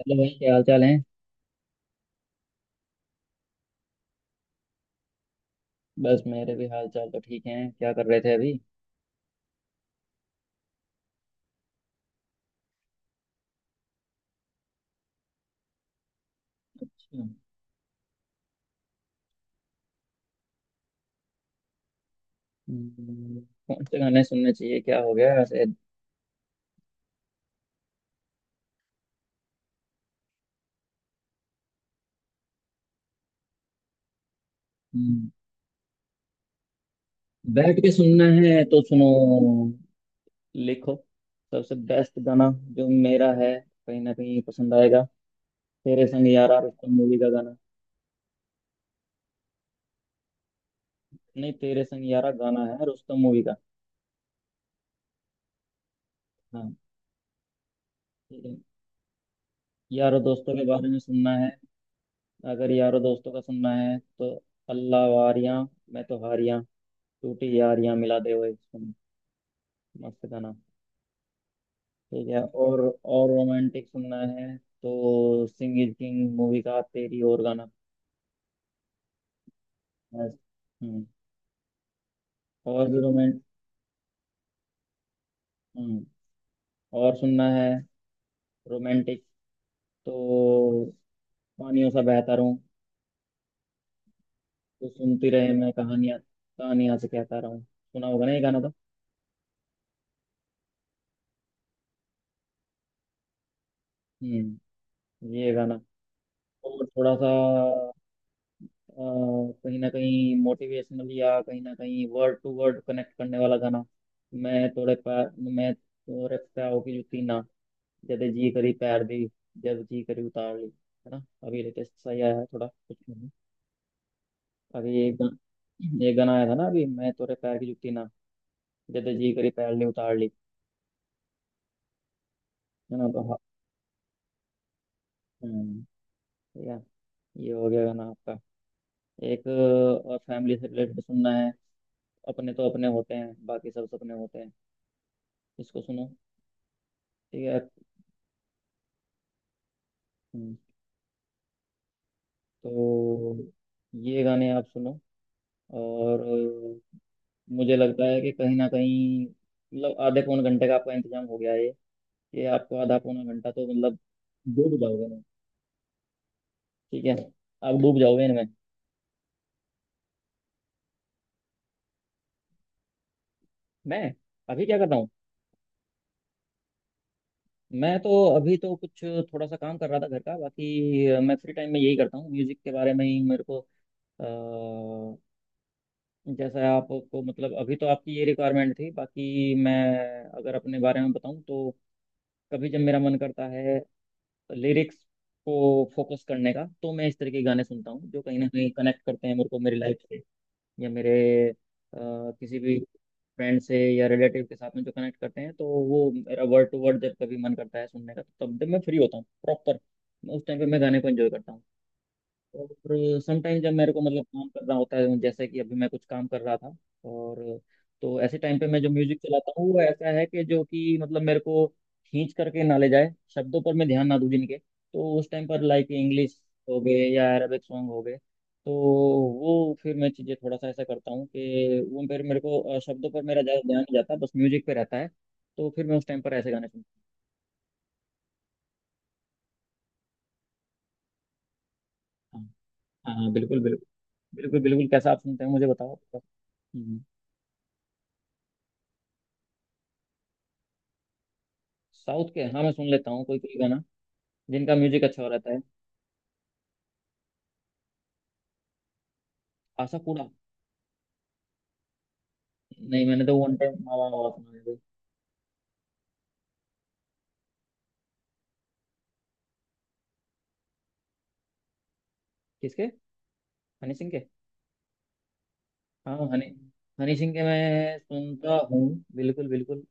Hello भाई, क्या हाल चाल है। बस मेरे भी हाल चाल तो ठीक हैं। क्या कर रहे थे अभी? अच्छा। हम्म, कौन से गाने सुनने चाहिए, क्या हो गया ऐसे? हम्म, बैठ के सुनना है तो सुनो। लिखो सबसे बेस्ट गाना जो मेरा है, कहीं ना कहीं पसंद आएगा। तेरे संग यारा, रुस्तम मूवी का गाना। नहीं, तेरे संग यारा गाना है, रुस्तम मूवी का। हाँ, ठीक है। यारो दोस्तों के बारे में सुनना है? अगर यारो दोस्तों का सुनना है तो अल्लाह वारियां, मैं तो हारियां, टूटी यारियां मिला दे ओए। मस्त गाना। ठीक है, और रोमांटिक सुनना है तो सिंग इज किंग मूवी का तेरी और गाना। मस्त। हम्म। और भी रोमांट हम्म, और सुनना है रोमांटिक तो पानियों सा बहता रहूं तो सुनती रहे मैं, कहानियां कहानियां से कहता रहूं। सुना होगा ना ये गाना तो? हम्म, ये गाना। और थोड़ा सा कहीं ना कहीं मोटिवेशनल या कहीं ना कहीं वर्ड टू वर्ड कनेक्ट करने वाला गाना। मैं तोड़े पा मैं तोड़े पाँव की जूती ना, जब जी करी पैर दी, जब जी करी उतार ली। है ना? अभी लेटेस्ट सही आया है थोड़ा, कुछ नहीं। अभी एक गाना, आया था ना अभी, मैं तेरे पैर की जुत्ती ना, जब जी करी पैर ली उतार ली। है ना? तो हाँ, हम्म, ठीक है, ये हो गया गाना आपका। एक और फैमिली से रिलेटेड सुनना है। अपने तो अपने होते हैं, बाकी सब सपने होते हैं। इसको सुनो। ठीक है। हम्म, तो ये गाने आप सुनो और मुझे लगता है कि कहीं ना कहीं मतलब आधे पौन घंटे का आपका इंतजाम हो गया है ये। ये आपको आधा पौना घंटा तो मतलब डूब जाओगे ना। ठीक है, आप डूब जाओगे इनमें। मैं अभी क्या कर रहा हूँ? मैं तो अभी तो कुछ थोड़ा सा काम कर रहा था घर का, बाकी मैं फ्री टाइम में यही करता हूँ, म्यूजिक के बारे में ही मेरे को अ, जैसा आपको मतलब अभी तो आपकी ये रिक्वायरमेंट थी, बाकी मैं अगर अपने बारे में बताऊँ तो कभी जब मेरा मन करता है लिरिक्स को फोकस करने का तो मैं इस तरह के गाने सुनता हूँ जो कहीं ना कहीं कनेक्ट करते हैं मेरे को मेरी लाइफ से या मेरे अ, किसी भी फ्रेंड से या रिलेटिव के साथ में जो कनेक्ट करते हैं, तो वो मेरा वर्ड टू वर्ड जब कभी मन करता है सुनने का, तो तब जब मैं फ्री होता हूँ प्रॉपर उस टाइम पे मैं गाने को एंजॉय करता हूँ। और समटाइम जब मेरे को मतलब काम करना होता है, जैसे कि अभी मैं कुछ काम कर रहा था, और तो ऐसे टाइम पे मैं जो म्यूजिक चलाता हूँ वो ऐसा है कि जो कि मतलब मेरे को खींच करके ना ले जाए, शब्दों पर मैं ध्यान ना दूं जिनके, तो उस टाइम पर लाइक इंग्लिश हो गए या अरेबिक सॉन्ग हो गए, तो वो फिर मैं चीज़ें थोड़ा सा ऐसा करता हूँ कि वो फिर मेरे को शब्दों पर मेरा ज़्यादा ध्यान नहीं जाता, बस म्यूजिक पे रहता है। तो फिर मैं उस टाइम पर ऐसे गाने सुनता हूँ। हाँ हाँ हाँ, बिल्कुल बिल्कुल। बिल्कुल बिल्कुल कैसा आप सुनते हैं, मुझे बताओ। हम्म, साउथ के, हाँ मैं सुन लेता हूँ कोई कोई गाना जिनका म्यूजिक अच्छा रहता है। आशा पूरा? नहीं, मैंने तो वन टाइम मावा मावा सुना है भाई। किसके? हनी सिंह के? हाँ हनी, हनी सिंह के मैं सुनता हूँ, बिल्कुल बिल्कुल।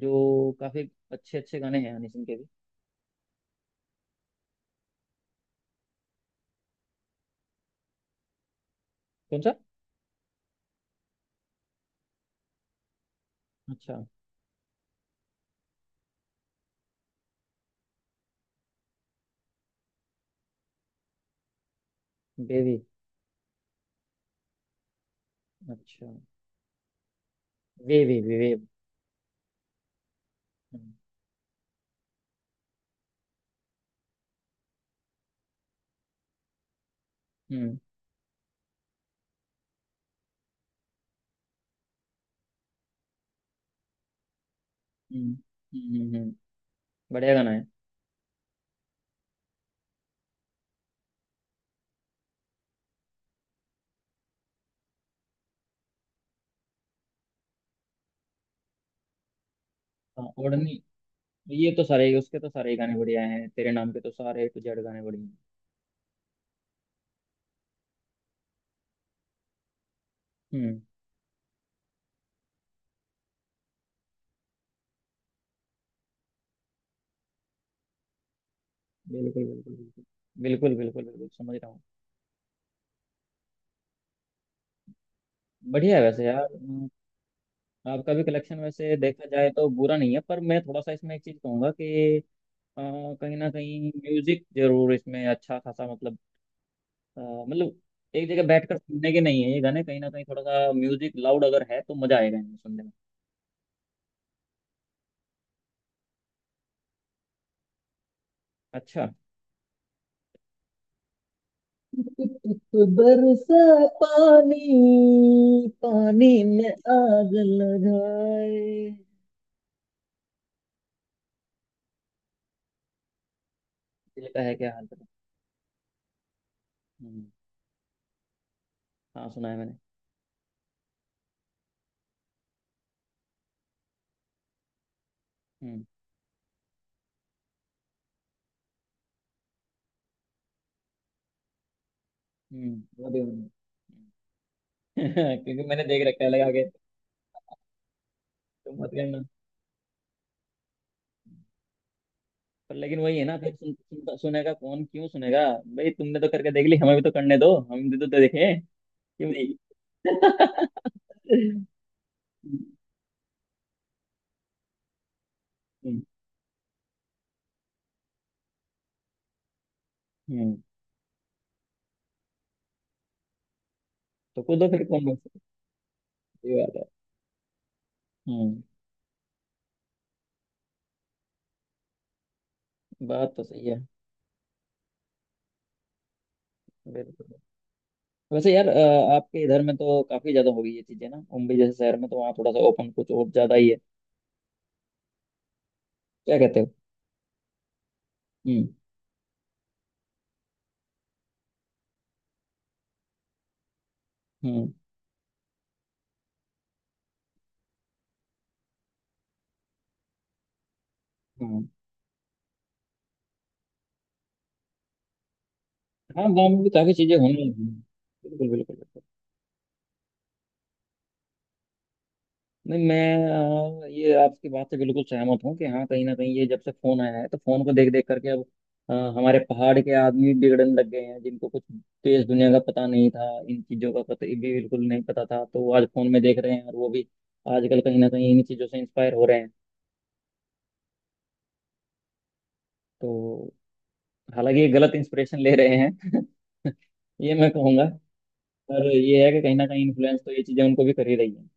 जो काफी अच्छे अच्छे गाने हैं हनी सिंह के भी। कौन सा? अच्छा। बेबी? अच्छा। वे वे वे वे। हम्म हम्म हम्म। हम्म, हम्म, बढ़िया गाना है। हाँ ओढ़नी, ये तो सारे ही, उसके तो सारे ही गाने बढ़िया हैं, तेरे नाम के तो सारे टू जेड गाने बढ़िया हैं। हम्म। बिल्कुल बिल्कुल। बिल्कुल बिल्कुल बिल्कुल बिल्कुल समझ रहा हूँ। बढ़िया है वैसे यार। आपका भी कलेक्शन वैसे देखा जाए तो बुरा नहीं है, पर मैं थोड़ा सा इसमें एक चीज़ कहूँगा कि अ, कहीं ना कहीं म्यूजिक जरूर इसमें अच्छा खासा मतलब अ, मतलब एक जगह बैठकर सुनने के नहीं है ये गाने, कहीं ना कहीं थोड़ा सा म्यूजिक लाउड अगर है तो मजा आएगा इनमें सुनने में। अच्छा। बरसा पानी, पानी में आग लगाए। दिल का है क्या हाल तेरा। हम्म, हाँ सुना है मैंने। हम्म। वो भी होना है। क्योंकि मैंने देख रखा है लगा के, तुम मत करना। पर लेकिन वही है ना फिर सुन, सुन, सुनेगा कौन, क्यों सुनेगा? भाई तुमने तो करके देख ली, हमें भी तो करने दो, हम भी तो देखें। क्यों नहीं? हम्म। हम्म, तो खुद दो फिर कौन बोल सकता है? ये बात है। हम्म। बात तो सही है। बिल्कुल। वैसे यार आपके इधर में तो काफी ज्यादा हो गई ये चीजें ना, मुंबई जैसे शहर में तो वहाँ थोड़ा सा ओपन कुछ और ज्यादा ही है, क्या कहते हो? हम्म हम्म हम्म। हाँ गाँव में भी काफी चीजें होंगी, बिल्कुल बिल्कुल। नहीं मैं ये आपकी बात से बिल्कुल सहमत हूँ कि हाँ कहीं ना कहीं ये जब से फोन आया है तो फोन को देख देख करके अब हमारे पहाड़ के आदमी बिगड़ने लग गए हैं, जिनको कुछ देश दुनिया का पता नहीं था, इन चीज़ों का पता भी बिल्कुल नहीं पता था, तो वो आज फोन में देख रहे हैं और वो भी आजकल कहीं ना कहीं इन चीज़ों से इंस्पायर हो रहे हैं। तो हालांकि ये गलत इंस्पिरेशन ले रहे हैं ये मैं कहूँगा। पर ये है कि कहीं ना कहीं इन्फ्लुएंस तो ये चीज़ें उनको भी कर ही रही है।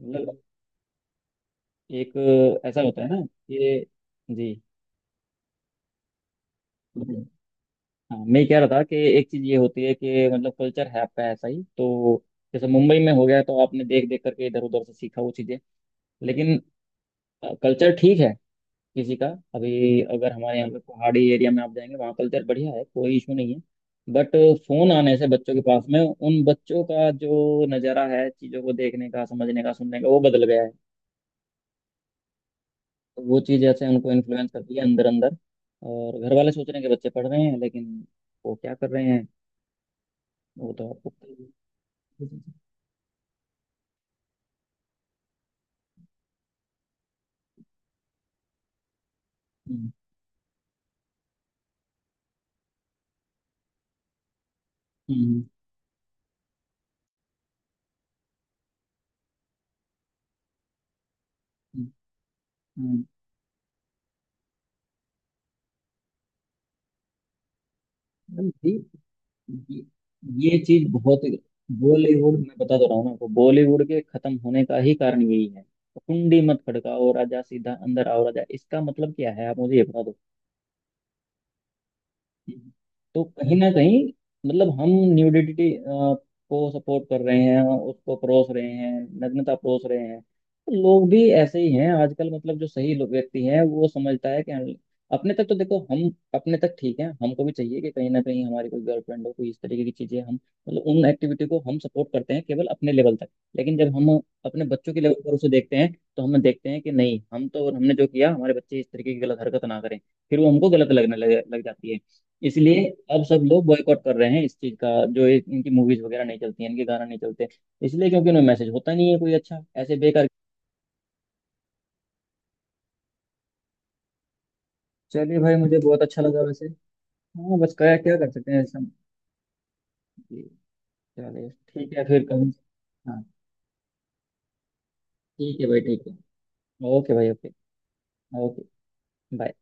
मतलब एक ऐसा होता है ना कि जी। हाँ मैं कह रहा था कि एक चीज ये होती है कि मतलब कल्चर है आपका ऐसा ही, तो जैसे मुंबई में हो गया तो आपने देख देख करके इधर उधर से सीखा वो चीजें। लेकिन कल्चर ठीक है किसी का, अभी अगर हमारे यहाँ पे पहाड़ी एरिया में आप जाएंगे वहाँ कल्चर बढ़िया है, कोई इशू नहीं है। बट फोन आने से बच्चों के पास में उन बच्चों का जो नज़ारा है चीज़ों को देखने का, समझने का, सुनने का वो बदल गया है। तो वो चीज़ ऐसे उनको इन्फ्लुएंस करती है अंदर अंदर। और घर वाले सोच रहे हैं कि बच्चे पढ़ रहे हैं, लेकिन वो क्या कर रहे हैं वो तो आपको पता ही है। हम्म, हम्म, हम्म, हम्म। मतलब ये ये चीज बहुत, बॉलीवुड, मैं बता तो रहा हूँ ना आपको, बॉलीवुड के खत्म होने का ही कारण यही है। कुंडी मत खड़काओ राजा, सीधा अंदर आओ राजा, इसका मतलब क्या है आप मुझे ये बता। तो कहीं ना कहीं मतलब हम न्यूडिटी को सपोर्ट कर रहे हैं, उसको परोस रहे हैं, नग्नता परोस रहे हैं, तो लोग भी ऐसे ही हैं आजकल। मतलब जो सही लोग व्यक्ति हैं वो समझता है कि हम- अपने तक तो देखो हम, अपने तक ठीक है, हमको भी चाहिए कि कहीं ना कहीं हमारी कोई गर्लफ्रेंड हो, कोई इस तरीके की चीजें, हम मतलब उन एक्टिविटी को हम सपोर्ट करते हैं केवल अपने लेवल तक। लेकिन जब हम अपने बच्चों के लेवल पर उसे देखते हैं तो हम देखते हैं कि नहीं, हम तो, हमने जो किया हमारे बच्चे इस तरीके की गलत हरकत ना करें, फिर वो हमको गलत लगने लग जाती है। इसलिए अब सब लोग बॉयकॉट कर रहे हैं इस चीज का, जो ये- इनकी मूवीज वगैरह नहीं चलती हैं, इनके गाना नहीं चलते, इसलिए क्योंकि उनमें मैसेज होता नहीं है कोई अच्छा, ऐसे बेकार। चलिए भाई, मुझे बहुत अच्छा लगा वैसे। हाँ बस क्या क्या कर सकते हैं सब। जी, चलिए ठीक है फिर कभी। हाँ ठीक है भाई, ठीक है। ओके भाई ओके। ओके। बाय।